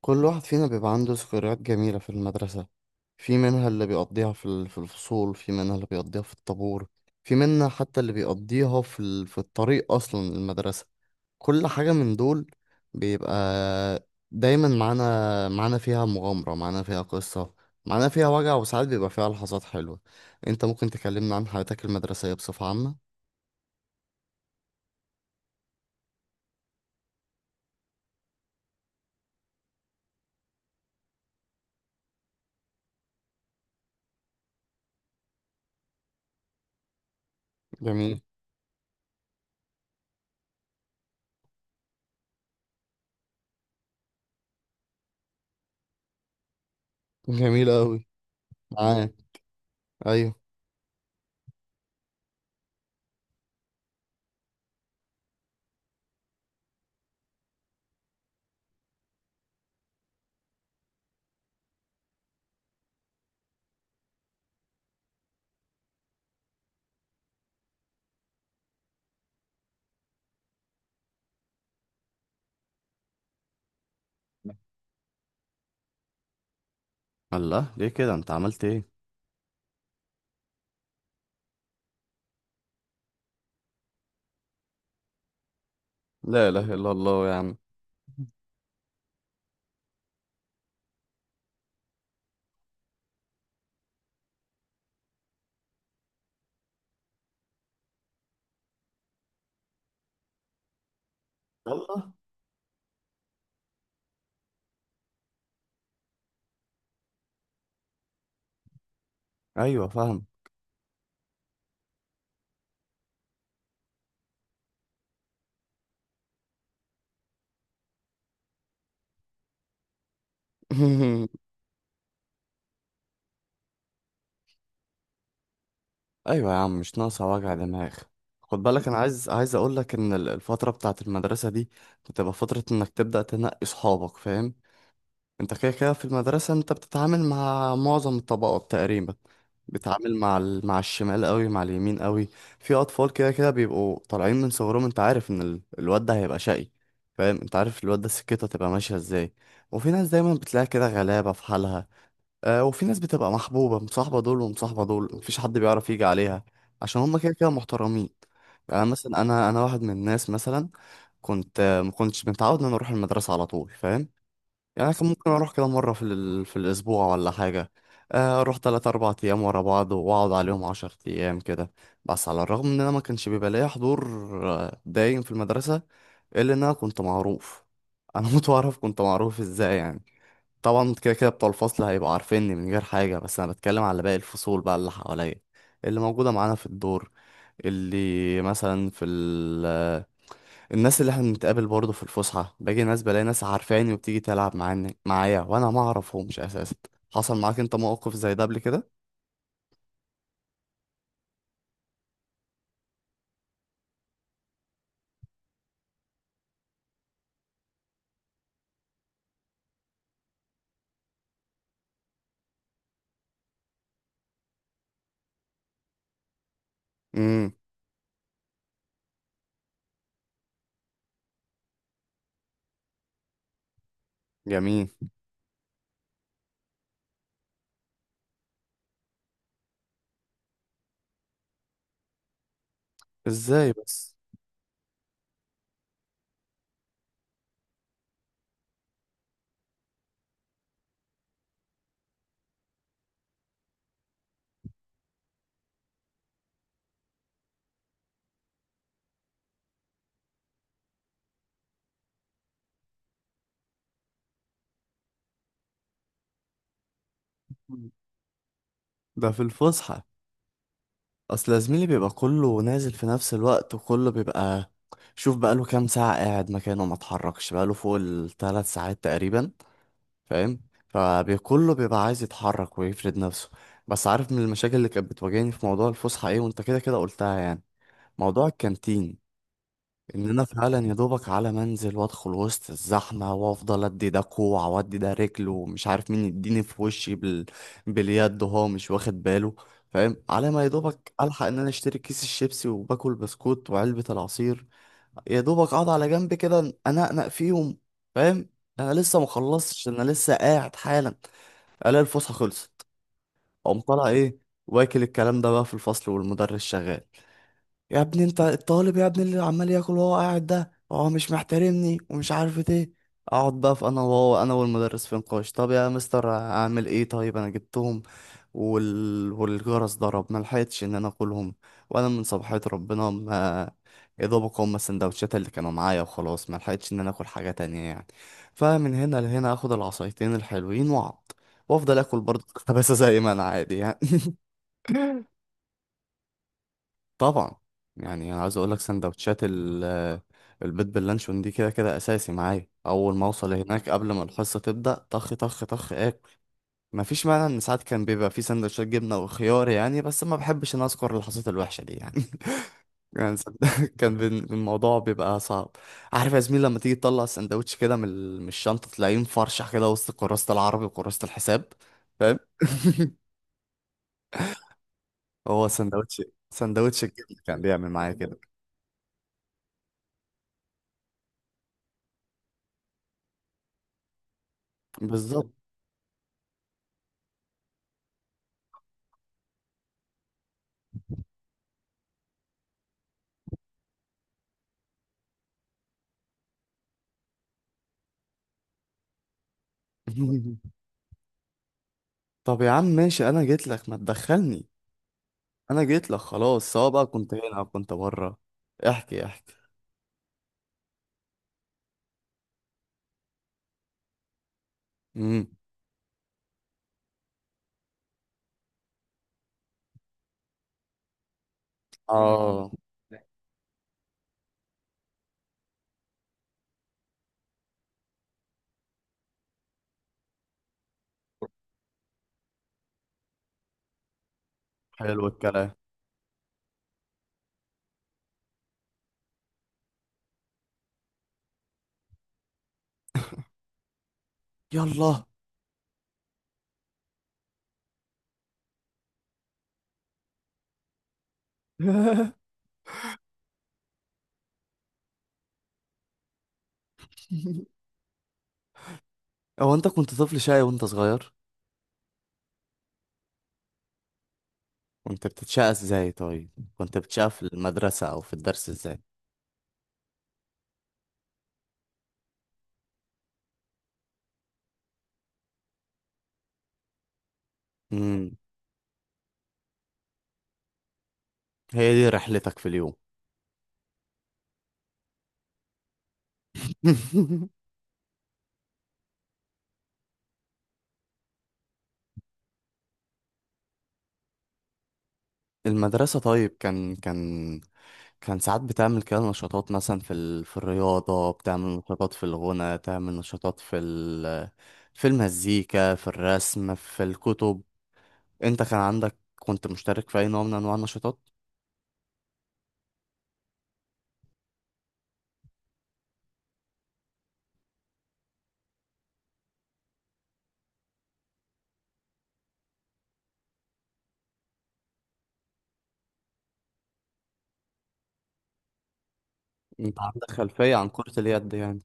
كل واحد فينا بيبقى عنده ذكريات جميلة في المدرسة. في منها اللي بيقضيها في في الفصول، في منها اللي بيقضيها في الطابور، في منها حتى اللي بيقضيها في في الطريق أصلا المدرسة. كل حاجة من دول بيبقى دايما معانا، فيها مغامرة، معانا فيها قصة، معانا فيها وجع، وساعات بيبقى فيها لحظات حلوة. انت ممكن تكلمنا عن حياتك المدرسية بصفة عامة؟ جميل. جميل أوي. معاك. أيوه. الله، ليه كده، انت عملت ايه؟ لا اله الا الله يا عم. الله. ايوه فاهم. ايوه يا عم، مش ناقصه وجع دماغ. خد بالك، انا عايز اقول لك ان الفتره بتاعه المدرسه دي بتبقى فتره انك تبدا تنقي صحابك، فاهم؟ انت كده كده في المدرسه انت بتتعامل مع معظم الطبقات تقريبا. بتتعامل مع مع الشمال قوي، مع اليمين قوي. في اطفال كده كده بيبقوا طالعين من صغرهم انت عارف ان الواد ده هيبقى شقي، فاهم؟ انت عارف الواد ده سكته تبقى ماشيه ازاي. وفي ناس دايما بتلاقي كده غلابه في حالها، وفي ناس بتبقى محبوبة، مصاحبة دول ومصاحبة دول، مفيش حد بيعرف يجي عليها، عشان هما كده كده محترمين. يعني مثلا أنا، واحد من الناس مثلا، كنت ما كنتش متعود إن أنا أروح المدرسة على طول، فاهم؟ يعني كان ممكن أروح كده مرة في الأسبوع ولا حاجة. أروح تلات أربع أيام ورا بعض وأقعد عليهم عشر أيام كده. بس على الرغم إن أنا ما كانش بيبقى ليا حضور دايم في المدرسة، إلا إن أنا كنت معروف. أنا كنت معروف إزاي يعني؟ طبعا كده كده بتوع الفصل هيبقوا عارفيني من غير حاجة، بس أنا بتكلم على باقي الفصول بقى اللي حواليا، اللي موجودة معانا في الدور، اللي مثلا في ال... الناس اللي احنا بنتقابل برضه في الفسحة، باجي ناس بلاقي ناس عارفاني وبتيجي تلعب معانا، معايا وأنا ما أعرفهمش أساسا. حصل معاك أنت موقف زي ده قبل كده؟ امم. جميل. ازاي بس؟ ده في الفسحة. اصل يا زميلي بيبقى كله نازل في نفس الوقت، وكله بيبقى، شوف بقاله كام ساعة قاعد مكانه ما اتحركش، بقاله فوق الثلاث ساعات تقريبا، فاهم؟ فكله بيبقى عايز يتحرك ويفرد نفسه. بس عارف من المشاكل اللي كانت بتواجهني في موضوع الفسحة ايه، وانت كده كده قلتها يعني؟ موضوع الكانتين. ان انا فعلا يا دوبك على منزل وادخل وسط الزحمه، وافضل ادي ده كوع وادي ده رجل، ومش عارف مين يديني في وشي باليد وهو مش واخد باله، فاهم؟ على ما يا دوبك الحق ان انا اشتري كيس الشيبسي وباكل بسكوت وعلبه العصير، يا دوبك اقعد على جنب كده، انقنق فيهم، فاهم؟ انا لسه ما خلصتش، انا لسه قاعد حالا، الاقي الفسحه خلصت. اقوم طالع ايه، واكل الكلام ده بقى في الفصل والمدرس شغال: يا ابني انت الطالب يا ابني اللي عمال ياكل وهو قاعد، ده هو مش محترمني ومش عارف ايه. اقعد بقى في، انا وهو، انا والمدرس في نقاش: طب يا مستر اعمل ايه، طيب انا جبتهم والجرس ضرب، ما لحقتش ان انا اكلهم، وانا من صباحية ربنا ما، يا دوبك هما السندوتشات اللي كانوا معايا وخلاص، ما لحقتش ان انا اكل حاجة تانية يعني. فمن هنا لهنا اخد العصايتين الحلوين واقعد وافضل اكل برضه خباثة زي ما انا عادي يعني. طبعا. يعني انا عايز اقول لك سندوتشات البيض باللانشون دي كده كده اساسي معايا، اول ما اوصل هناك قبل ما الحصه تبدا طخ طخ طخ اكل. مفيش مانع ان ساعات كان بيبقى في سندوتشات جبنه وخيار يعني، بس ما بحبش ان اذكر اللحظات الوحشه دي يعني. يعني صد- الموضوع بيبقى صعب. عارف يا زميل لما تيجي تطلع السندوتش كده من من الشنطه تلاقيه مفرشح كده وسط كراسه العربي وكراسه الحساب، فاهم؟ هو سندوتش، سندوتش الجبنه كان بيعمل معايا كده. بالظبط. طب يا عم ماشي انا جيت لك ما تدخلني، انا جيت لك خلاص، سواء بقى كنت هنا او كنت بره. احكي، احكي. امم. اه. حلو الكلام. يلا. هو انت كنت طفل شقي وانت صغير؟ كنت بتتشقى ازاي طيب؟ كنت بتشقى في المدرسة او في الدرس ازاي؟ امم. هي دي رحلتك في اليوم؟ المدرسة طيب، كان كان ساعات بتعمل كده نشاطات مثلا في في الرياضة، بتعمل نشاطات في الغنى، تعمل نشاطات في، في المزيكا، في الرسم، في الكتب. انت كان عندك، كنت مشترك في اي نوع من انواع النشاطات؟ انت عندك خلفية عن كرة اليد يعني؟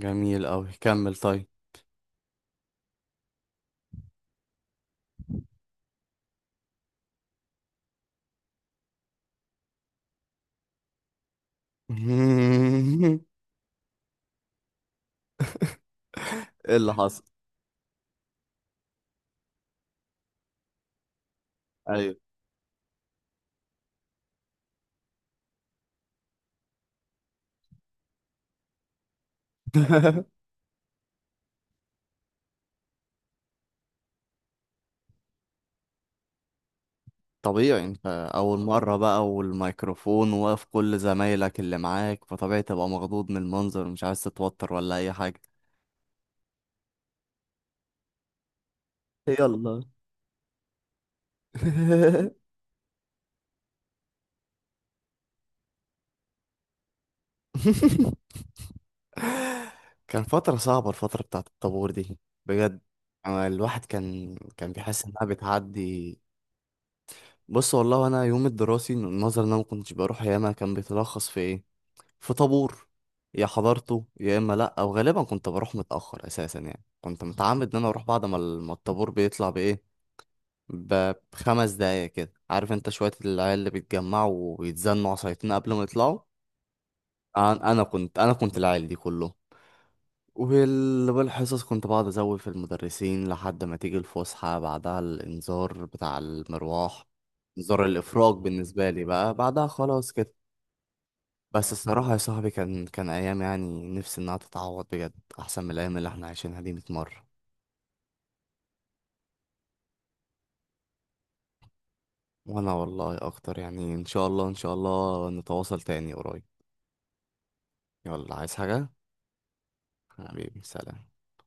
جميل اوي، كمل طيب. ايه اللي حصل؟ ايوه. طبيعي انت، اول مرة بقى والميكروفون واقف كل زمايلك اللي معاك، فطبيعي تبقى مخضوض من المنظر، مش عايز تتوتر ولا اي حاجة. يلا. كان فترة صعبة الفترة بتاعت الطابور دي، بجد. أنا الواحد كان بيحس إنها بتعدي. بص والله أنا يوم الدراسي النظر إن أنا ما كنتش بروح ياما، كان بيتلخص في إيه، في طابور يا حضرته، يا إما لأ، أو غالبا كنت بروح متأخر أساسا، يعني كنت متعمد إن أنا أروح بعد ما الطابور بيطلع بإيه، بخمس دقايق كده، عارف أنت شوية العيال اللي بيتجمعوا ويتزنوا عصايتين قبل ما يطلعوا؟ أنا كنت العيال دي كلهم. والحصص كنت بقعد ازود في المدرسين لحد ما تيجي الفسحة، بعدها الانذار بتاع المروح، انذار الافراج بالنسبة لي بقى، بعدها خلاص كده. بس الصراحة يا صاحبي كان ايام يعني نفسي انها تتعوض بجد، احسن من الايام اللي احنا عايشينها دي 100 مرة. وانا والله اكتر يعني، ان شاء الله ان شاء الله نتواصل تاني قريب. يلا، عايز حاجة؟ حبيبي سلام.